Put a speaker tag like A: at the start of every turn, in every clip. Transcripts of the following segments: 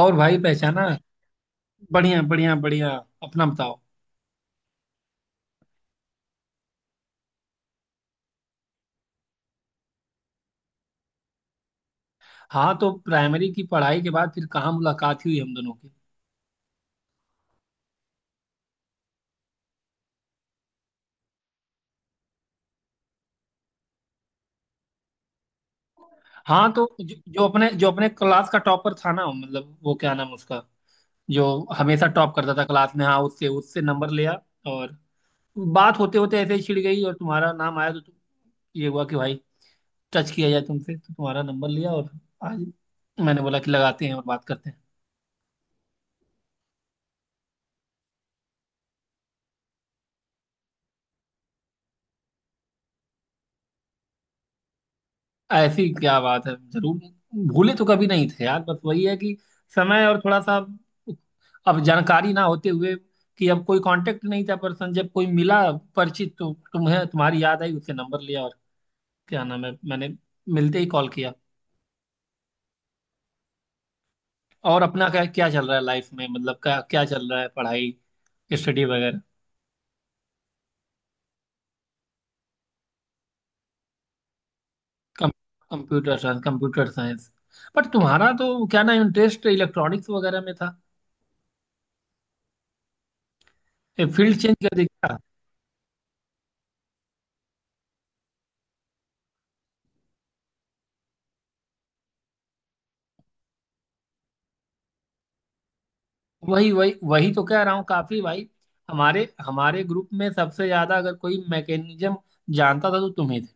A: और भाई पहचाना। बढ़िया बढ़िया बढ़िया। अपना बताओ। हाँ, तो प्राइमरी की पढ़ाई के बाद फिर कहाँ मुलाकात हुई हम दोनों की। हाँ, तो जो अपने क्लास का टॉपर था ना, मतलब वो क्या नाम उसका, जो हमेशा टॉप करता था क्लास में। हाँ, उससे उससे नंबर लिया। और बात होते होते ऐसे ही छिड़ गई और तुम्हारा नाम आया, तो तुम, ये हुआ कि भाई टच किया जाए तुमसे, तो तुम्हारा नंबर लिया और आज मैंने बोला कि लगाते हैं और बात करते हैं। ऐसी क्या बात है, जरूर। भूले तो कभी नहीं थे यार, बस वही है कि समय और थोड़ा सा, अब जानकारी ना होते हुए कि अब कोई कांटेक्ट नहीं था। पर्सन जब कोई मिला परिचित, तो तुम्हें तुम्हारी याद आई, उससे नंबर लिया और क्या नाम है, मैंने मिलते ही कॉल किया। और अपना क्या क्या चल रहा है लाइफ में, मतलब क्या क्या चल रहा है, पढ़ाई स्टडी वगैरह। कम, computer science, computer science, but तुम्हारा तो क्या ना इंटरेस्ट इलेक्ट्रॉनिक्स वगैरह में था, फील्ड चेंज कर दिया। वही वही वही तो कह रहा हूँ काफी भाई। हमारे हमारे ग्रुप में सबसे ज्यादा अगर कोई मैकेनिज्म जानता था तो तुम ही थे।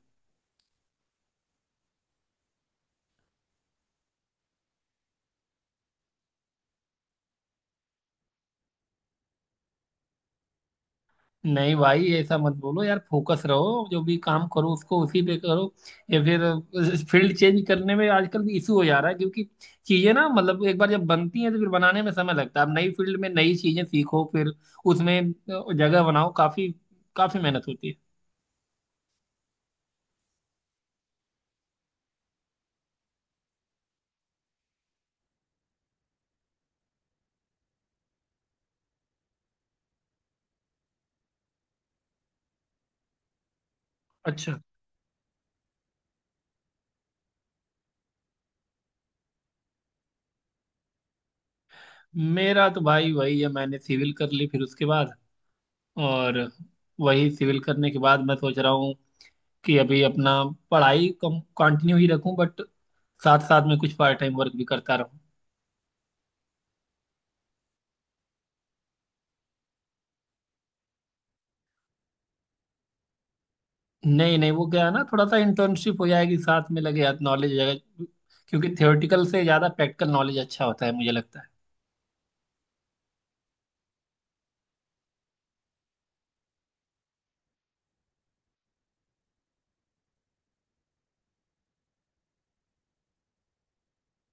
A: नहीं भाई, ऐसा मत बोलो यार, फोकस रहो, जो भी काम करो उसको उसी पे करो। या फिर फील्ड चेंज करने में आजकल भी इशू हो जा रहा है, क्योंकि चीजें ना, मतलब एक बार जब बनती हैं तो फिर बनाने में समय लगता है। अब नई फील्ड में नई चीजें सीखो फिर उसमें जगह बनाओ, काफी काफी मेहनत होती है। अच्छा। मेरा तो भाई वही है, मैंने सिविल कर ली, फिर उसके बाद, और वही सिविल करने के बाद मैं सोच रहा हूँ कि अभी अपना पढ़ाई कम कंटिन्यू ही रखूं, बट साथ साथ में कुछ पार्ट टाइम वर्क भी करता रहूँ। नहीं नहीं, वो क्या है ना, थोड़ा सा इंटर्नशिप हो जाएगी साथ में, लगे हाथ नॉलेज जाएगा, क्योंकि थियोरेटिकल से ज़्यादा प्रैक्टिकल नॉलेज अच्छा होता है मुझे लगता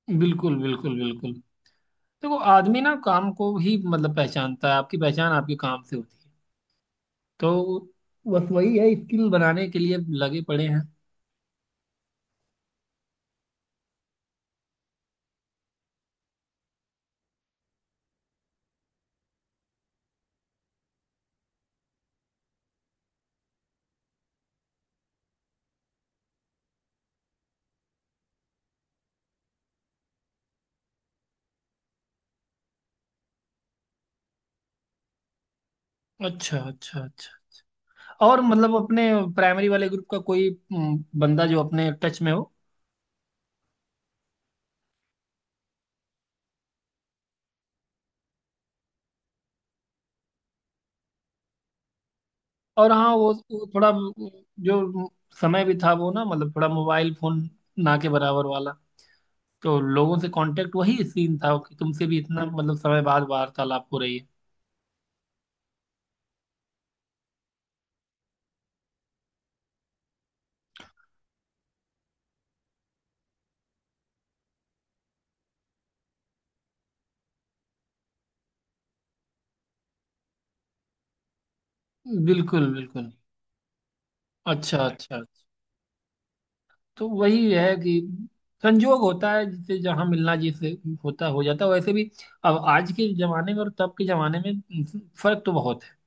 A: है। बिल्कुल बिल्कुल बिल्कुल। देखो आदमी ना काम को ही मतलब पहचानता है, आपकी पहचान आपके काम से होती है। तो बस वही है, स्किल बनाने के लिए लगे पड़े हैं। अच्छा अच्छा अच्छा। और मतलब अपने प्राइमरी वाले ग्रुप का कोई बंदा जो अपने टच में हो। और हाँ वो थोड़ा जो समय भी था वो ना, मतलब थोड़ा मोबाइल फोन ना के बराबर वाला, तो लोगों से कांटेक्ट, वही सीन था कि तुमसे भी इतना मतलब समय बाद वार्तालाप हो रही है। बिल्कुल बिल्कुल। अच्छा अच्छा अच्छा। तो वही है कि संजोग होता है जिससे जहाँ मिलना, जिससे होता हो जाता है। वैसे भी अब आज के जमाने में और तब के जमाने में फर्क तो बहुत है।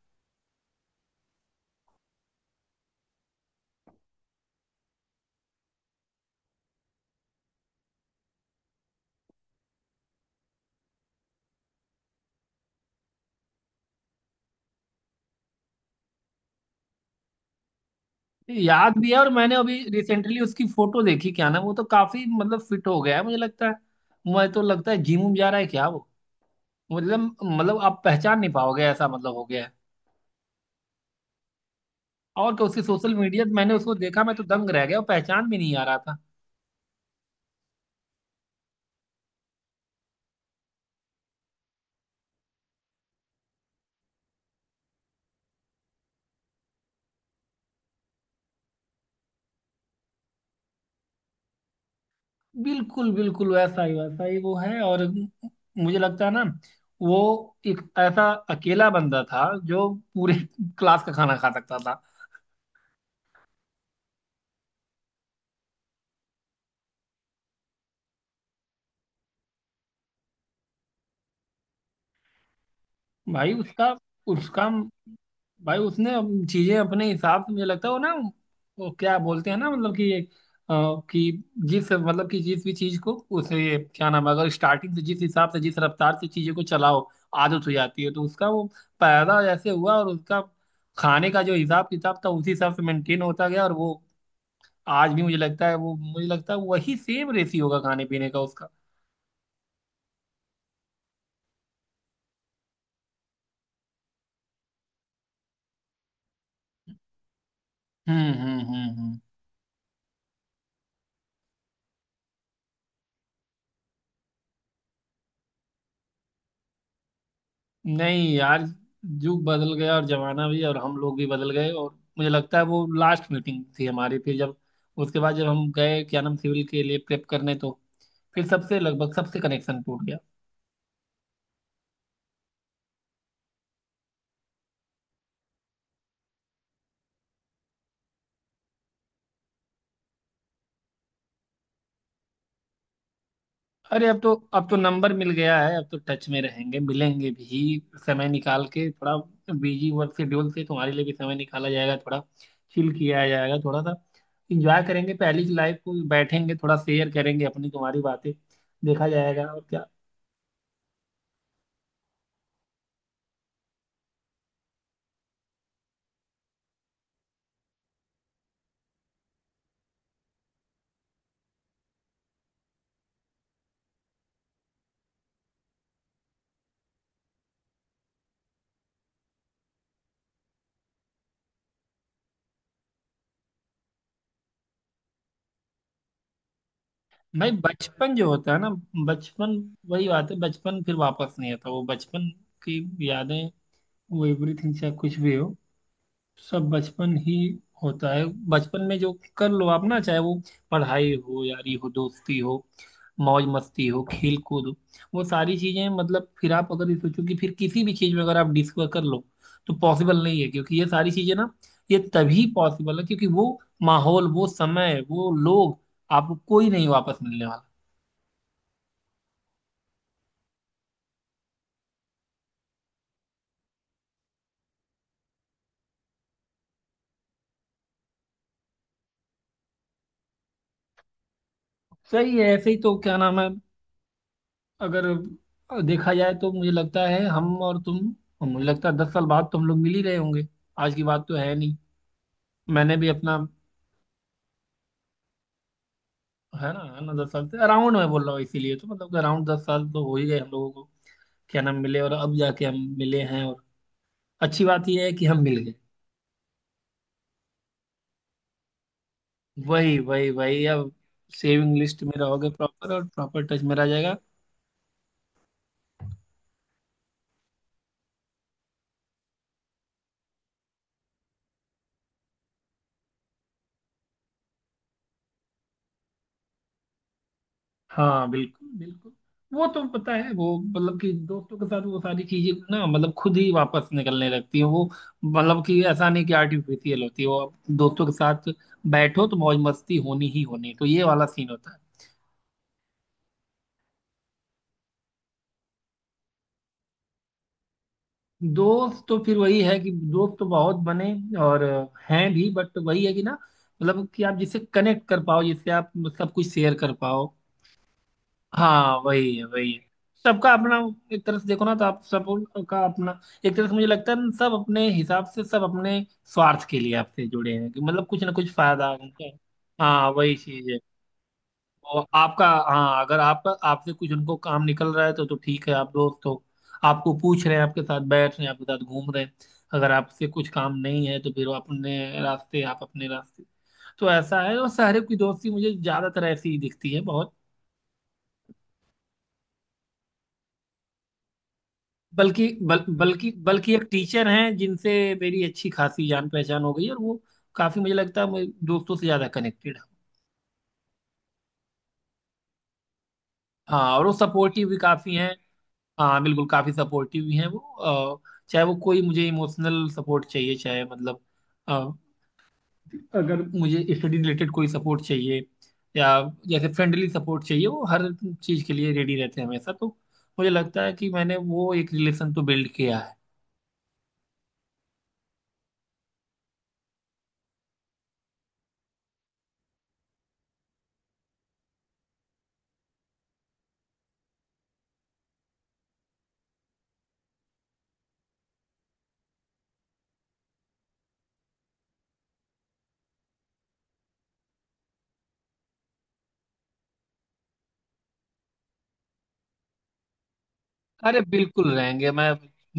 A: याद भी है, और मैंने अभी रिसेंटली उसकी फोटो देखी क्या ना, वो तो काफी मतलब फिट हो गया है मुझे लगता है। मुझे तो लगता है जिम जा रहा है क्या वो, मतलब आप पहचान नहीं पाओगे, ऐसा मतलब हो गया है। और क्या, उसकी सोशल मीडिया मैंने उसको देखा, मैं तो दंग रह गया और पहचान भी नहीं आ रहा था। बिल्कुल बिल्कुल, वैसा ही वो है। और मुझे लगता है ना, वो एक ऐसा अकेला बंदा था जो पूरे क्लास का खाना खा सकता। भाई उसका, उसका, भाई उसने अब चीजें अपने हिसाब से, मुझे लगता है वो ना, वो क्या बोलते हैं ना, मतलब कि अ, कि जिस, मतलब कि जिस भी चीज को, उसे क्या नाम है, अगर स्टार्टिंग से जिस हिसाब से जिस रफ्तार से चीजों को चलाओ, आदत हो जाती है, तो उसका वो पैदा जैसे हुआ और उसका खाने का जो हिसाब किताब था उसी हिसाब से मेंटेन होता गया। और वो आज भी मुझे लगता है, वो मुझे लगता है वही सेम रेसी होगा खाने पीने का उसका। हम्म। नहीं यार, युग बदल गया और जमाना भी, और हम लोग भी बदल गए। और मुझे लगता है वो लास्ट मीटिंग थी हमारी, फिर जब उसके बाद जब हम गए क्या नाम, सिविल के लिए प्रेप करने, तो फिर सबसे लगभग सबसे कनेक्शन टूट गया। अरे, अब तो, अब तो नंबर मिल गया है, अब तो टच में रहेंगे, मिलेंगे भी समय निकाल के थोड़ा, बिजी वर्क शेड्यूल से तुम्हारे लिए भी समय निकाला जाएगा, थोड़ा चिल किया जाएगा थोड़ा सा, इंजॉय करेंगे पहली लाइफ को, बैठेंगे थोड़ा, शेयर करेंगे अपनी तुम्हारी बातें, देखा जाएगा और क्या। भाई बचपन जो होता है ना, बचपन, वही बात है, बचपन फिर वापस नहीं आता, वो बचपन की यादें, वो एवरीथिंग चाहे कुछ भी हो, सब बचपन ही होता है। बचपन में जो कर लो आप, ना चाहे वो पढ़ाई हो, यारी हो, दोस्ती हो, मौज मस्ती हो, खेल कूद हो, वो सारी चीजें, मतलब फिर आप अगर ये सोचो कि फिर किसी भी चीज में अगर आप डिस्कवर कर लो तो पॉसिबल नहीं है, क्योंकि ये सारी चीजें ना, ये तभी पॉसिबल है क्योंकि वो माहौल, वो समय, वो लोग आपको कोई नहीं वापस मिलने वाला। सही है, ऐसे ही तो क्या नाम है, अगर देखा जाए तो मुझे लगता है हम और तुम, मुझे लगता है 10 साल बाद तो हम लोग मिल ही रहे होंगे, आज की बात तो है नहीं। मैंने भी अपना, है ना, है ना, 10 साल से अराउंड मैं बोल रहा हूँ, इसीलिए तो मतलब अराउंड 10 साल तो हो ही गए हम लोगों को क्या नाम मिले, और अब जाके हम मिले हैं, और अच्छी बात यह है कि हम मिल गए। वही वही वही, अब सेविंग लिस्ट में रहोगे प्रॉपर, और प्रॉपर टच में रह जाएगा। हाँ बिल्कुल बिल्कुल, वो तो पता है, वो मतलब कि दोस्तों के साथ वो सारी चीजें ना, मतलब खुद ही वापस निकलने लगती है वो, मतलब कि ऐसा नहीं कि आर्टिफिशियल होती है वो, आप दोस्तों के साथ बैठो तो मौज मस्ती होनी ही होनी है। तो ये वाला सीन होता है। दोस्त तो फिर वही है कि दोस्त तो बहुत बने, और हैं भी, बट वही है कि ना, मतलब कि आप जिससे कनेक्ट कर पाओ, जिससे आप सब कुछ शेयर कर पाओ। हाँ वही है वही है। सबका अपना, एक तरह से देखो ना तो आप सब का अपना, एक तरह से मुझे लगता है ना, सब अपने हिसाब से, सब अपने स्वार्थ के लिए आपसे जुड़े हैं कि मतलब कुछ ना कुछ फायदा उनका। हाँ वही चीज है, और आपका, हाँ अगर आपका, आपसे कुछ उनको काम निकल रहा है तो ठीक है आप दोस्त हो, आपको पूछ रहे हैं, आपके साथ बैठ रहे हैं, आपके साथ घूम रहे हैं। अगर आपसे कुछ काम नहीं है तो फिर वो अपने रास्ते, आप अपने रास्ते। तो ऐसा है, और शहर की दोस्ती मुझे ज्यादातर ऐसी ही दिखती है बहुत। बल्कि बल्कि एक टीचर हैं जिनसे मेरी अच्छी खासी जान पहचान हो गई है, और वो काफी, मुझे लगता है मैं दोस्तों से ज्यादा कनेक्टेड है। हाँ, और वो सपोर्टिव भी काफी हैं। हाँ बिल्कुल, काफी सपोर्टिव भी हैं वो। अ, चाहे वो कोई मुझे इमोशनल सपोर्ट चाहिए, चाहे मतलब अ, अगर मुझे स्टडी रिलेटेड कोई सपोर्ट चाहिए, या जैसे फ्रेंडली सपोर्ट चाहिए, वो हर चीज के लिए रेडी रहते हैं हमेशा। तो मुझे लगता है कि मैंने वो एक रिलेशन तो बिल्ड किया है। अरे बिल्कुल रहेंगे, मैं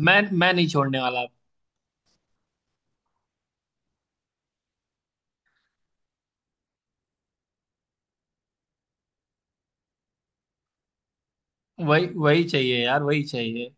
A: मैं मैं नहीं छोड़ने वाला आपको। वही वही चाहिए यार, वही चाहिए।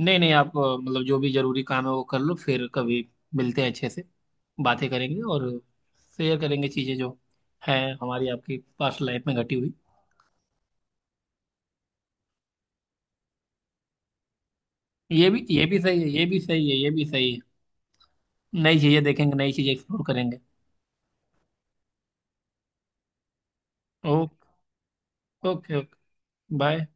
A: नहीं नहीं, आप मतलब जो भी जरूरी काम है वो कर लो, फिर कभी मिलते हैं अच्छे से, बातें करेंगे, और शेयर करेंगे चीजें जो हैं हमारी आपकी पास्ट लाइफ में घटी हुई। ये भी सही है, ये भी सही है, ये भी सही है। नई चीजें देखेंगे, नई चीजें एक्सप्लोर करेंगे। Okay okay okay. बाय।